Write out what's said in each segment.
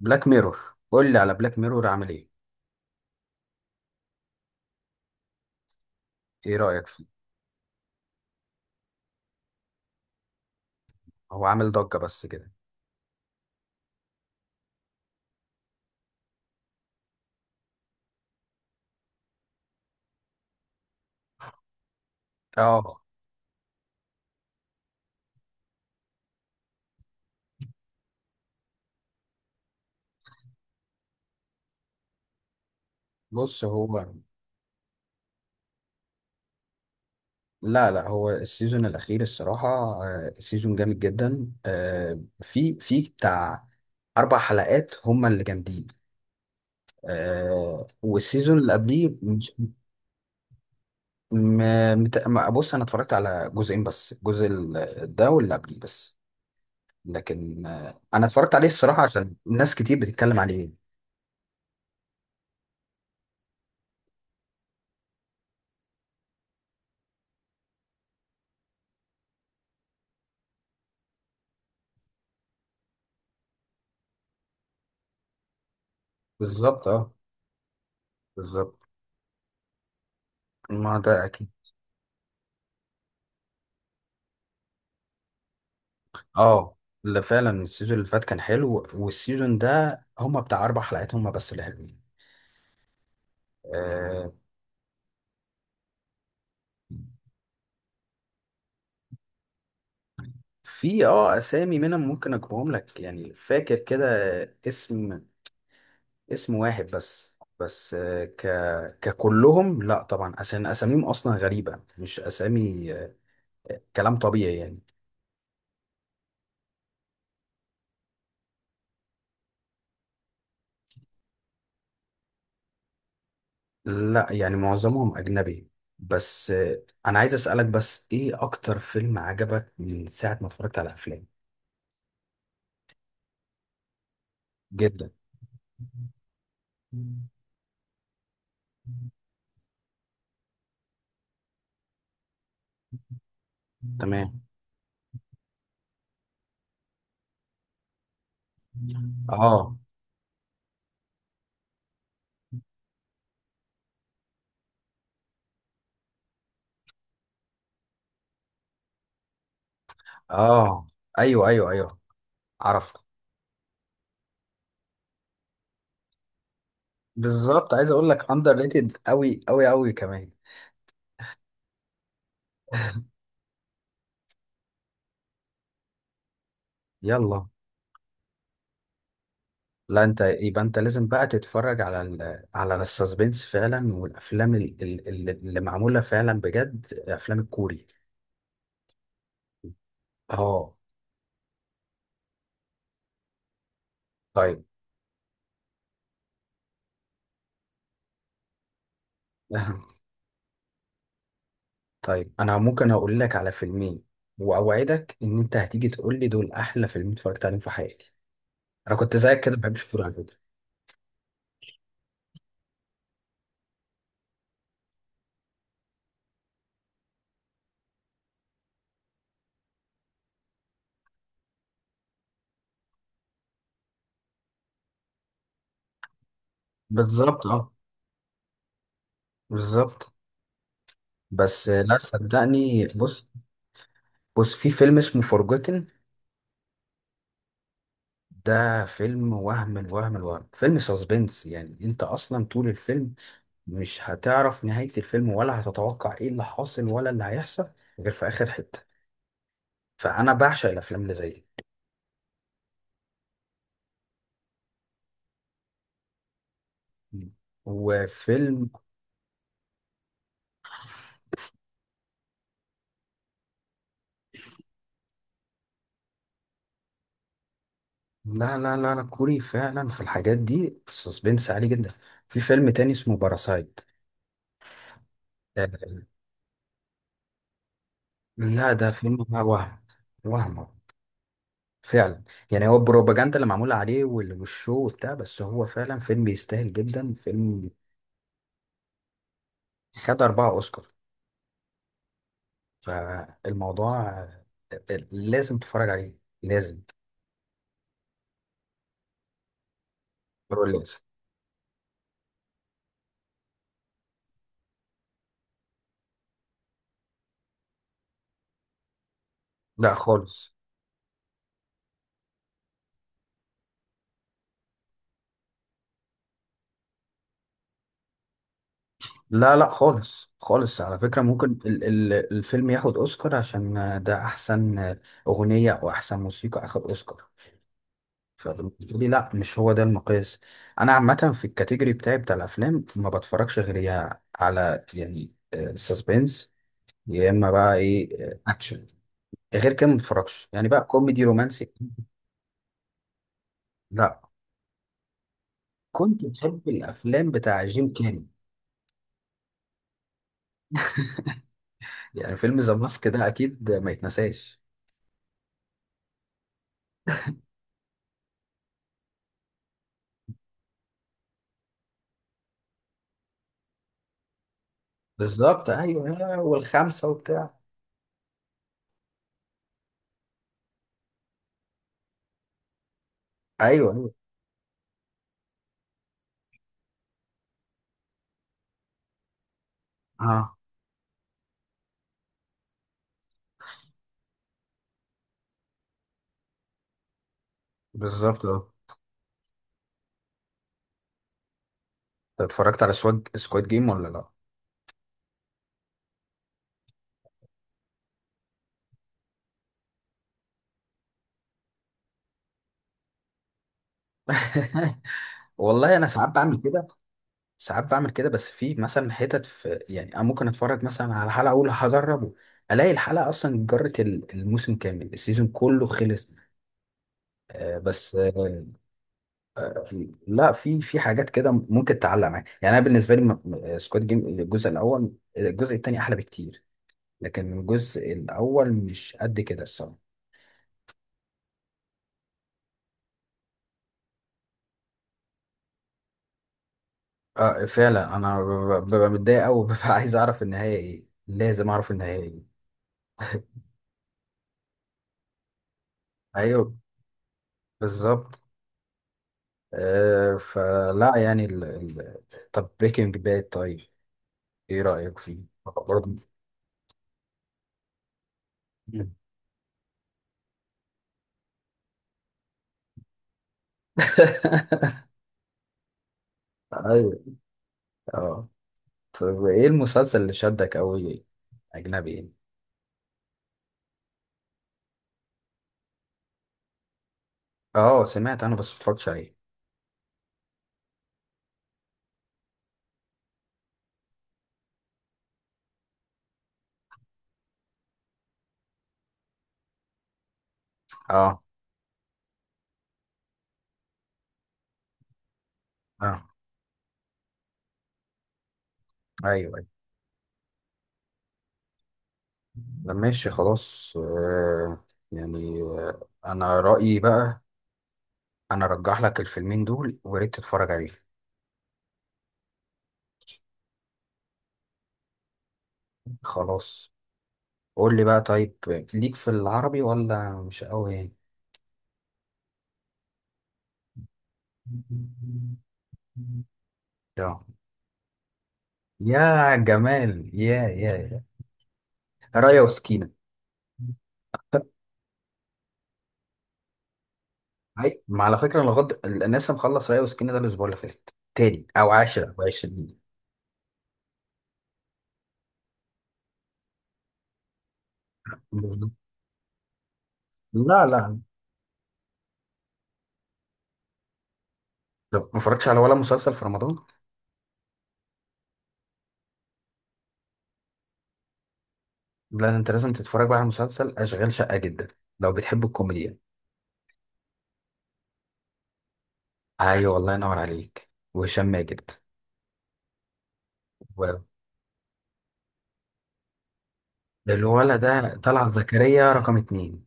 بلاك ميرور، قول لي على بلاك ميرور عامل ايه. ايه رأيك فيه؟ هو عامل ضجة بس كده. اه. بص هو. لا لا، هو السيزون الأخير الصراحة. سيزون جامد جدا، في بتاع أربع حلقات هما اللي جامدين. والسيزون اللي قبليه بص، أنا اتفرجت على جزئين بس، الجزء ده واللي قبليه بس. لكن أنا اتفرجت عليه الصراحة عشان ناس كتير بتتكلم عليه. بالظبط، اه، بالظبط. ما ده أكيد. اه، ده فعلا السيزون اللي فات كان حلو، والسيزون ده هما بتاع اربع حلقات هما بس اللي حلوين. آه في اسامي منهم، ممكن اجيبهم لك، يعني فاكر كده. اسم، اسم واحد بس، آه ك ككلهم لا طبعا، عشان اساميهم اصلا غريبة مش اسامي كلام طبيعي يعني. لا، يعني معظمهم اجنبي. بس انا عايز اسالك، بس ايه اكتر فيلم عجبك من ساعة ما اتفرجت على افلام؟ جدا. تمام. اه، اه. ايوه، ايوه، ايوه، عرفت. بالظبط، عايز اقول لك اندر ريتد قوي قوي قوي كمان. يلا. لا، انت يبقى انت لازم بقى تتفرج على على السسبنس فعلا، والافلام اللي معموله فعلا بجد، افلام الكوري. اه. طيب. طيب، انا ممكن اقول لك على فيلمين، واوعدك ان انت هتيجي تقول لي دول احلى فيلمين اتفرجت عليهم في حياتي. انا كنت زيك كده، ما بحبش الكوري على فكره. بالظبط، اه، بالظبط. بس لا، صدقني، بص. بص، في فيلم اسمه فورجوتن. ده فيلم وهم، الوهم الوهم، فيلم ساسبنس، يعني انت اصلا طول الفيلم مش هتعرف نهاية الفيلم، ولا هتتوقع ايه اللي حاصل ولا اللي هيحصل، غير في اخر حتة. فانا بعشق الافلام اللي زي دي. وفيلم. لا، لا، لا، لا، كوري فعلا في الحاجات دي السسبنس عالي جدا. في فيلم تاني اسمه باراسايت. لا، ده فيلم وهم. وهم فعلا. يعني هو البروباجندا اللي معمولة عليه والشو وبتاع، بس هو فعلا فيلم يستاهل جدا، فيلم. خد أربعة أوسكار. فالموضوع، لازم تتفرج عليه. لازم. ضروري لازم. لا خالص. لا، لا، خالص، خالص على فكرة، ممكن ال ال الفيلم ياخد أوسكار عشان ده أحسن أغنية، أو أحسن موسيقى أخد أوسكار. فبالنسبة لي لا، مش هو ده المقياس. أنا عامة في الكاتيجوري بتاعي بتاع الأفلام، ما بتفرجش غير يا على يعني سسبنس، يا اما بقى ايه، اكشن. غير كده ما بتفرجش يعني، بقى كوميدي رومانسي. لا، كنت بحب الافلام بتاع جيم كاري. يعني فيلم ذا ماسك ده اكيد ما يتنساش. بالظبط، ايوه، والخمسه وبتاع. ايوه، ايوه، اه، بالظبط، اه. أنت اتفرجت على سواج سكواد جيم ولا لا؟ والله انا ساعات بعمل كده. ساعات بعمل كده، بس في مثلا حتت، يعني انا ممكن اتفرج مثلا على حلقه، اقول هجربه. الاقي الحلقه اصلا جرت الموسم كامل، السيزون كله خلص. بس لا، في حاجات كده ممكن تعلق معاك، يعني انا بالنسبه لي سكواد جيم الجزء الاول. الجزء الثاني احلى بكتير. لكن الجزء الاول مش قد كده الصراحه. اه فعلا، انا ببقى متضايق قوي. ببقى عايز اعرف النهايه ايه، لازم اعرف النهايه ايه. ايوه، بالظبط. فلا يعني طب، بريكنج باد، طيب، ايه رايك فيه؟ برضه. ايوه، اه. طب، ايه المسلسل اللي شدك قوي؟ اجنبي يعني؟ اه، سمعت انا بس متفرجتش عليه. اه، اه، ايوه، ايوه. ده ماشي خلاص يعني انا رأيي بقى، انا ارجح لك الفيلمين دول، وريت تتفرج عليهم. خلاص. قول لي بقى طيب، ليك في العربي ولا مش قوي يعني؟ آه. يا جمال، يا، يا، يا، رايا وسكينة. هاي، ما على فكرة انا غد الناس، مخلص ريا وسكينة ده الاسبوع اللي فات تاني، او 10 او 20. بالظبط. لا، لا. طب ما اتفرجتش على ولا مسلسل في رمضان؟ لا، انت لازم تتفرج بقى على مسلسل اشغال شقة، جدا لو بتحب الكوميديا. ايوه، الله ينور عليك، وهشام ماجد. و- الولد ده طلعت زكريا رقم اتنين.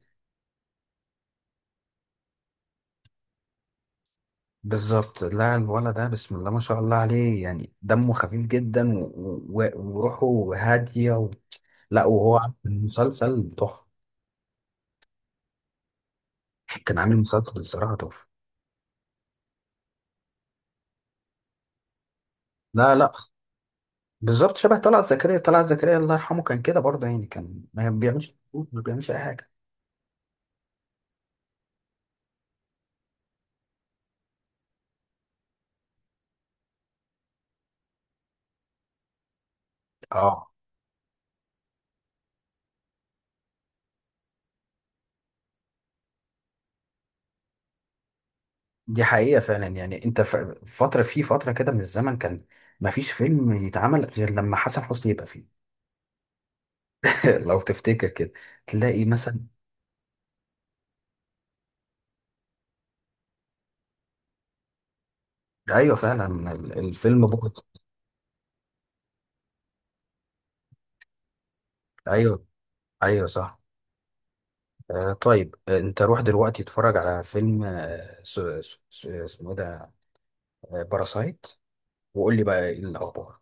بالظبط، لا، الولد ده بسم الله ما شاء الله عليه، يعني دمه خفيف جدا وروحه هادية، لا، وهو عامل مسلسل تحفة. كان عامل مسلسل الصراحة تحفة. لا، لا. بالظبط، شبه طلعت زكريا. طلعت زكريا الله يرحمه كان كده برضه، يعني كان ما بيعملش اي حاجه. اه، دي حقيقه فعلا. يعني انت فتره، في فتره كده من الزمن، كان ما فيش فيلم يتعمل غير لما حسن حسني يبقى فيه. لو تفتكر كده، تلاقي مثلا. ايوه فعلا، الفيلم بوظ. ايوه، ايوه، صح. طيب، انت روح دلوقتي اتفرج على فيلم، اسمه إيه ده؟ باراسايت. وقول لي بقى ايه الاخبار.